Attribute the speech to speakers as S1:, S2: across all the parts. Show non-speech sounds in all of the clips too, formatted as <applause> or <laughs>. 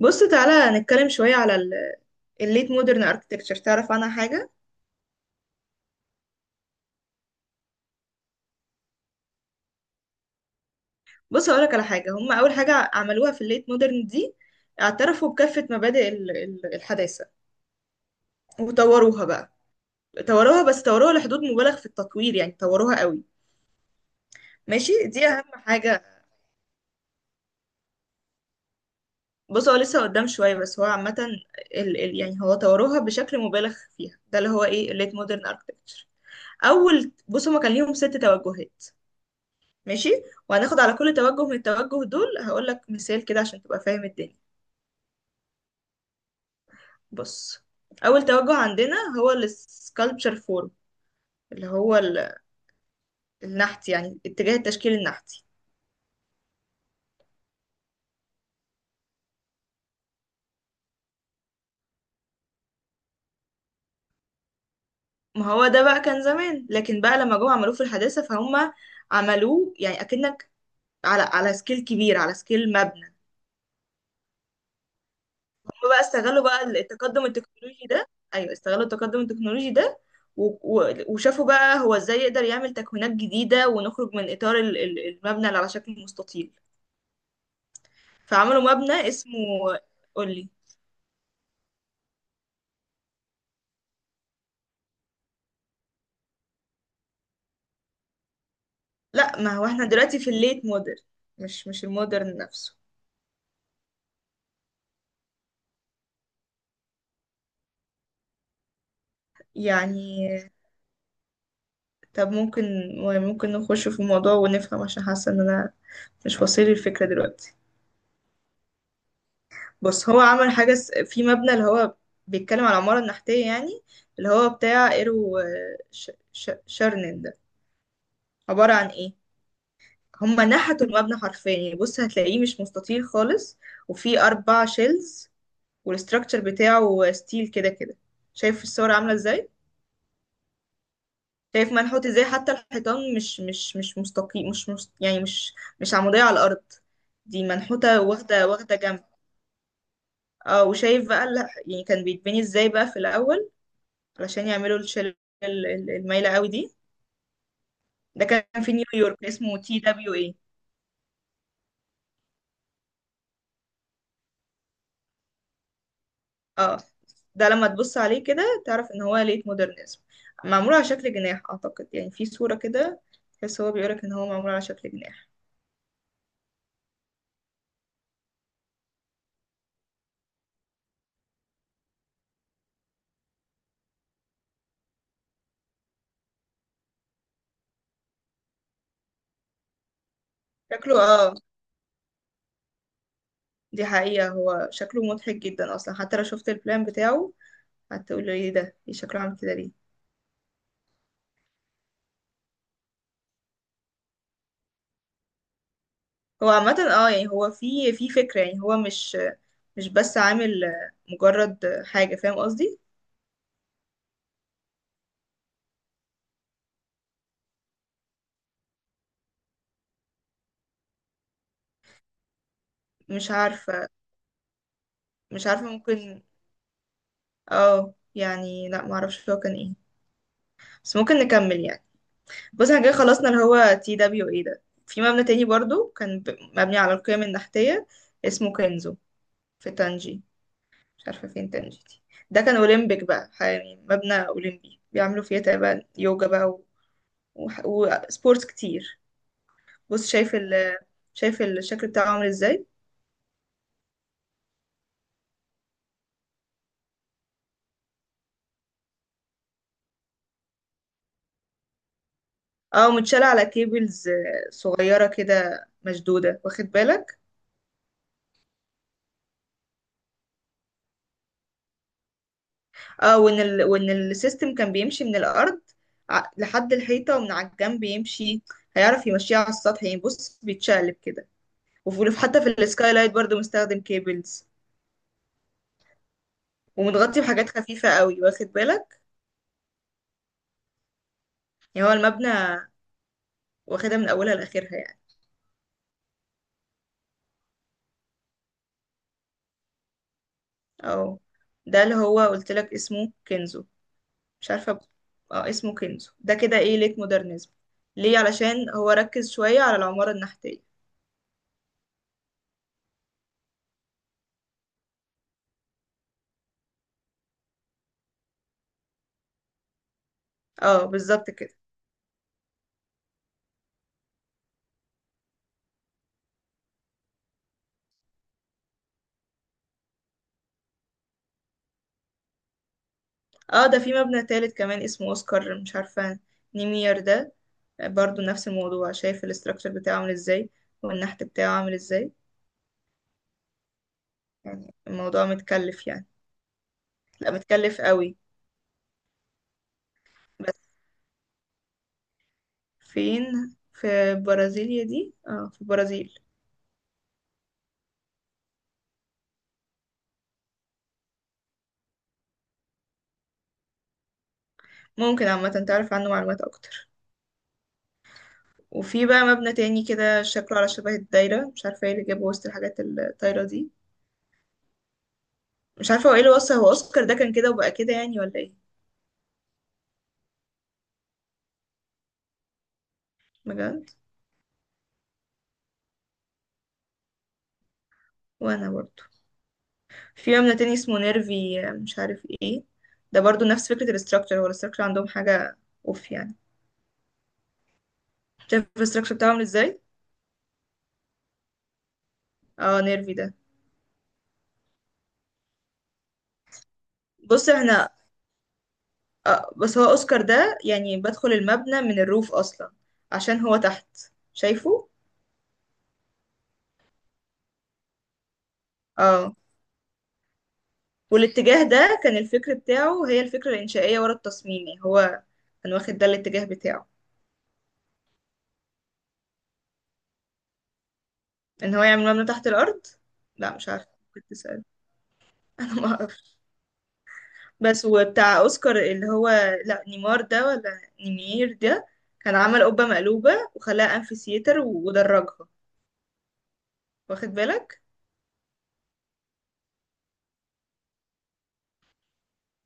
S1: بص تعالى نتكلم شوية على الليت مودرن اركتكتشر، تعرف عنها حاجة؟ بص هقولك على حاجة. هم أول حاجة عملوها في الليت مودرن دي، اعترفوا بكافة مبادئ الحداثة وطوروها بقى. طوروها، بس طوروها لحدود مبالغ في التطوير، يعني طوروها قوي. ماشي، دي أهم حاجة. بص، هو لسه قدام شوية، بس هو عامة ال ال يعني هو طوروها بشكل مبالغ فيها، ده اللي هو ايه الليت مودرن اركتكتشر. أول بص، هما كان ليهم ست توجهات. ماشي. وهناخد على كل توجه من التوجه دول هقول لك مثال كده عشان تبقى فاهم الدنيا. بص، اول توجه عندنا هو السكالبتشر فورم، اللي هو النحت، يعني اتجاه التشكيل النحتي. ما هو ده بقى كان زمان، لكن بقى لما جم عملوه في الحداثة فهم عملوه يعني اكنك على سكيل كبير، على سكيل مبنى. هم بقى استغلوا بقى التقدم التكنولوجي ده. ايوه، استغلوا التقدم التكنولوجي ده، وشافوا بقى هو ازاي يقدر يعمل تكوينات جديدة ونخرج من اطار المبنى اللي على شكل مستطيل. فعملوا مبنى اسمه. قولي. لا، ما هو احنا دلوقتي في الليت مودرن، مش المودرن نفسه. يعني، طب ممكن نخش في الموضوع ونفهم، عشان حاسة ان انا مش واصل لي الفكرة دلوقتي. بس هو عمل حاجة في مبنى اللي هو بيتكلم على العمارة النحتية يعني، اللي هو بتاع ايرو، شارنن ده، عبارة عن ايه؟ هما نحتوا المبنى حرفيا، يعني بص هتلاقيه مش مستطيل خالص، وفيه أربع شيلز، والاستراكشر بتاعه ستيل كده كده. شايف الصور عاملة ازاي؟ شايف منحوت ازاي؟ حتى الحيطان مش مستقيم، مش, مش يعني مش مش عمودية على الأرض. دي منحوتة واخدة واخدة جنب. اه، وشايف بقى يعني كان بيتبني ازاي بقى في الأول علشان يعملوا الشلة المايلة قوي دي. ده كان في نيويورك، اسمه TWA. اه، ده لما تبص عليه كده تعرف ان هو ليت مودرنزم. معمول على شكل جناح اعتقد، يعني في صورة كده تحس هو بيقولك ان هو معمول على شكل جناح. شكله اه. دي حقيقة هو شكله مضحك جدا اصلا. حتى لو شفت البلان بتاعه، هتقول ايه ده، ايه شكله عامل كده ليه؟ هو عامة اه، يعني هو في فكرة، يعني هو مش بس عامل مجرد حاجة، فاهم قصدي؟ مش عارفة مش عارفة ممكن. اه، يعني لا معرفش هو كان ايه، بس ممكن نكمل يعني. بص، احنا كده خلصنا اللي هو TWA ده. في مبنى تاني برضو كان مبني على القيم النحتية، اسمه كنزو، في تانجي. مش عارفة فين تانجي دي. ده كان أولمبيك بقى، يعني مبنى أولمبي بيعملوا فيه تقريبا يوجا بقى وسبورتس كتير. بص شايف شايف الشكل بتاعه عامل ازاي؟ اه، متشال على كيبلز، صغيرة كده مشدودة، واخد بالك؟ اه، وان السيستم كان بيمشي من الارض، لحد الحيطه، ومن على الجنب يمشي، هيعرف يمشيها على السطح، يعني بص بيتشقلب كده. وفي حتى في السكاي لايت برضو مستخدم كيبلز. ومتغطي بحاجات خفيفه قوي، واخد بالك؟ يعني هو المبنى واخدها من اولها لاخرها يعني. اه، ده اللي هو قلت لك اسمه كنزو. مش عارفه اسمه كنزو. ده كده ايه؟ ليك مودرنزم، ليه؟ علشان هو ركز شويه على العماره النحتيه. اه، بالظبط كده. اه، ده في مبنى تالت كمان اسمه اوسكار، مش عارفة، نيمير ده. برضو نفس الموضوع، شايف الاستراكشر بتاعه عامل ازاي والنحت بتاعه عامل ازاي؟ يعني الموضوع متكلف يعني. لا، متكلف قوي. بس فين؟ في برازيليا دي، اه في البرازيل. ممكن عامة تعرف عنه معلومات اكتر. وفي بقى مبنى تاني كده شكله على شبه الدايرة، مش عارفة ايه اللي جابه وسط الحاجات الطايرة دي. مش عارفة هو ايه اللي وصل، هو اوسكار ده كان كده وبقى كده يعني ولا ايه؟ بجد، وانا برضه. في مبنى تاني اسمه نيرفي مش عارف ايه. ده برضو نفس فكرة الاستراكشر. هو الاستراكشر عندهم حاجة اوف يعني. شايف الاستراكشر بتاعه عامل ازاي؟ اه، نيرفي ده. بص احنا. بس هو اوسكار ده يعني بدخل المبنى من الروف اصلا، عشان هو تحت. شايفه؟ اه، والاتجاه ده كان الفكر بتاعه هي الفكرة الانشائية ورا التصميم، يعني هو كان واخد ده الاتجاه بتاعه، ان هو يعمل مبنى تحت الارض. لا مش عارفة، كنت تسأل. <laughs> انا. بس وبتاع اوسكار اللي هو، لا نيمار ده ولا نيمير ده، كان عمل قبة مقلوبة وخلاها امفيسيتر ودرجها، واخد بالك؟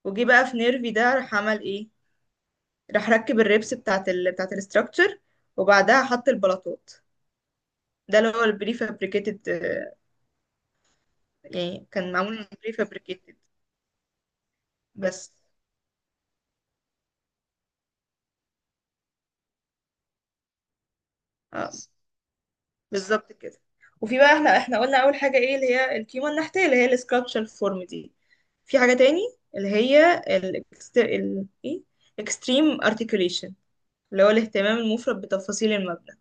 S1: وجي بقى في نيرفي ده، راح عمل ايه؟ راح ركب الريبس بتاعت الاستراكشر، وبعدها حط البلاطات. ده اللي هو البري فابريكيتد، يعني كان معمول من بري فابريكيتد. بس. آه. بالظبط كده. وفي بقى، احنا قلنا اول حاجه ايه؟ اللي هي الكيمو النحتيه، اللي هي السكالبتشر فورم دي. في حاجه تاني اللي هي ال ال ايه اكستريم ارتكيوليشن، اللي هو الاهتمام المفرط بتفاصيل المبنى.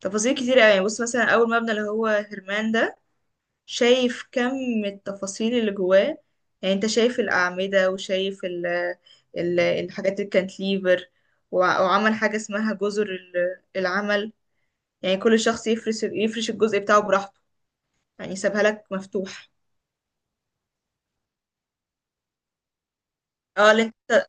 S1: تفاصيل كتير قوي. بص مثلا اول مبنى اللي هو هرمان ده، شايف كم التفاصيل اللي جواه؟ يعني انت شايف الاعمده، وشايف ال الحاجات الكانتليفر. وعمل حاجه اسمها جزر العمل، يعني كل شخص يفرش الجزء بتاعه براحته، يعني سابها لك مفتوح. اه اللي انت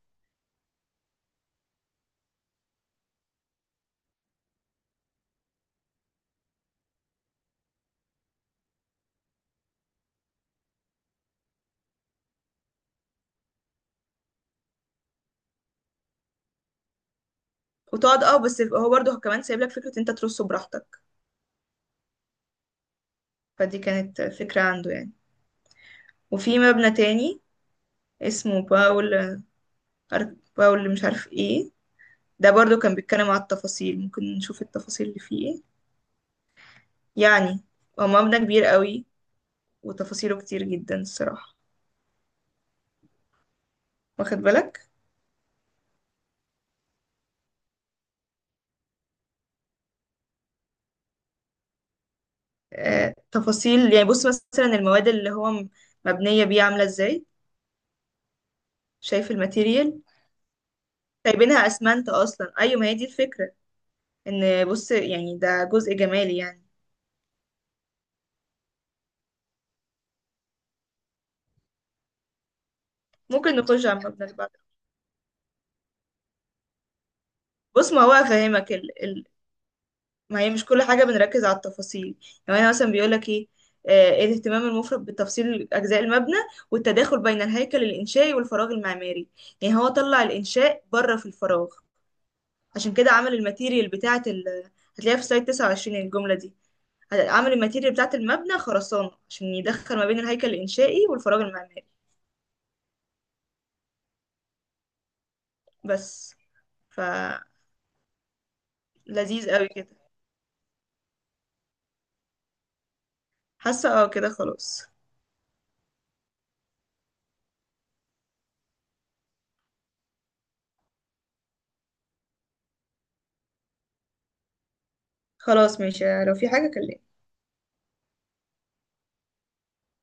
S1: وتقعد اه، بس هو برضه كمان سايب لك فكرة انت ترصه براحتك. فدي كانت فكرة عنده يعني. وفي مبنى تاني اسمه باول، باول مش عارف ايه. ده برضه كان بيتكلم على التفاصيل. ممكن نشوف التفاصيل اللي فيه ايه يعني. هو مبنى كبير قوي، وتفاصيله كتير جدا الصراحة، واخد بالك؟ تفاصيل يعني، بص مثلا المواد اللي هو مبنية بيه عاملة ازاي؟ شايف الماتيريال؟ سايبينها اسمنت اصلا، ايوه، ما هي دي الفكرة، ان بص يعني ده جزء جمالي يعني. ممكن نخش على المبنى اللي بعده. بص ما هو افهمك ما هي مش كل حاجه بنركز على التفاصيل. يعني انا مثلا بيقول لك ايه؟ إيه الاهتمام المفرط بتفصيل اجزاء المبنى، والتداخل بين الهيكل الانشائي والفراغ المعماري. يعني هو طلع الانشاء بره في الفراغ، عشان كده عمل الماتيريال بتاعه هتلاقيها في سلايد 29، الجمله دي. عمل الماتيريال بتاعه المبنى خرسانه عشان يدخل ما بين الهيكل الانشائي والفراغ المعماري. بس. ف لذيذ قوي كده. حاسة اه كده خلاص. خلاص ماشي، لو في حاجة كلمني.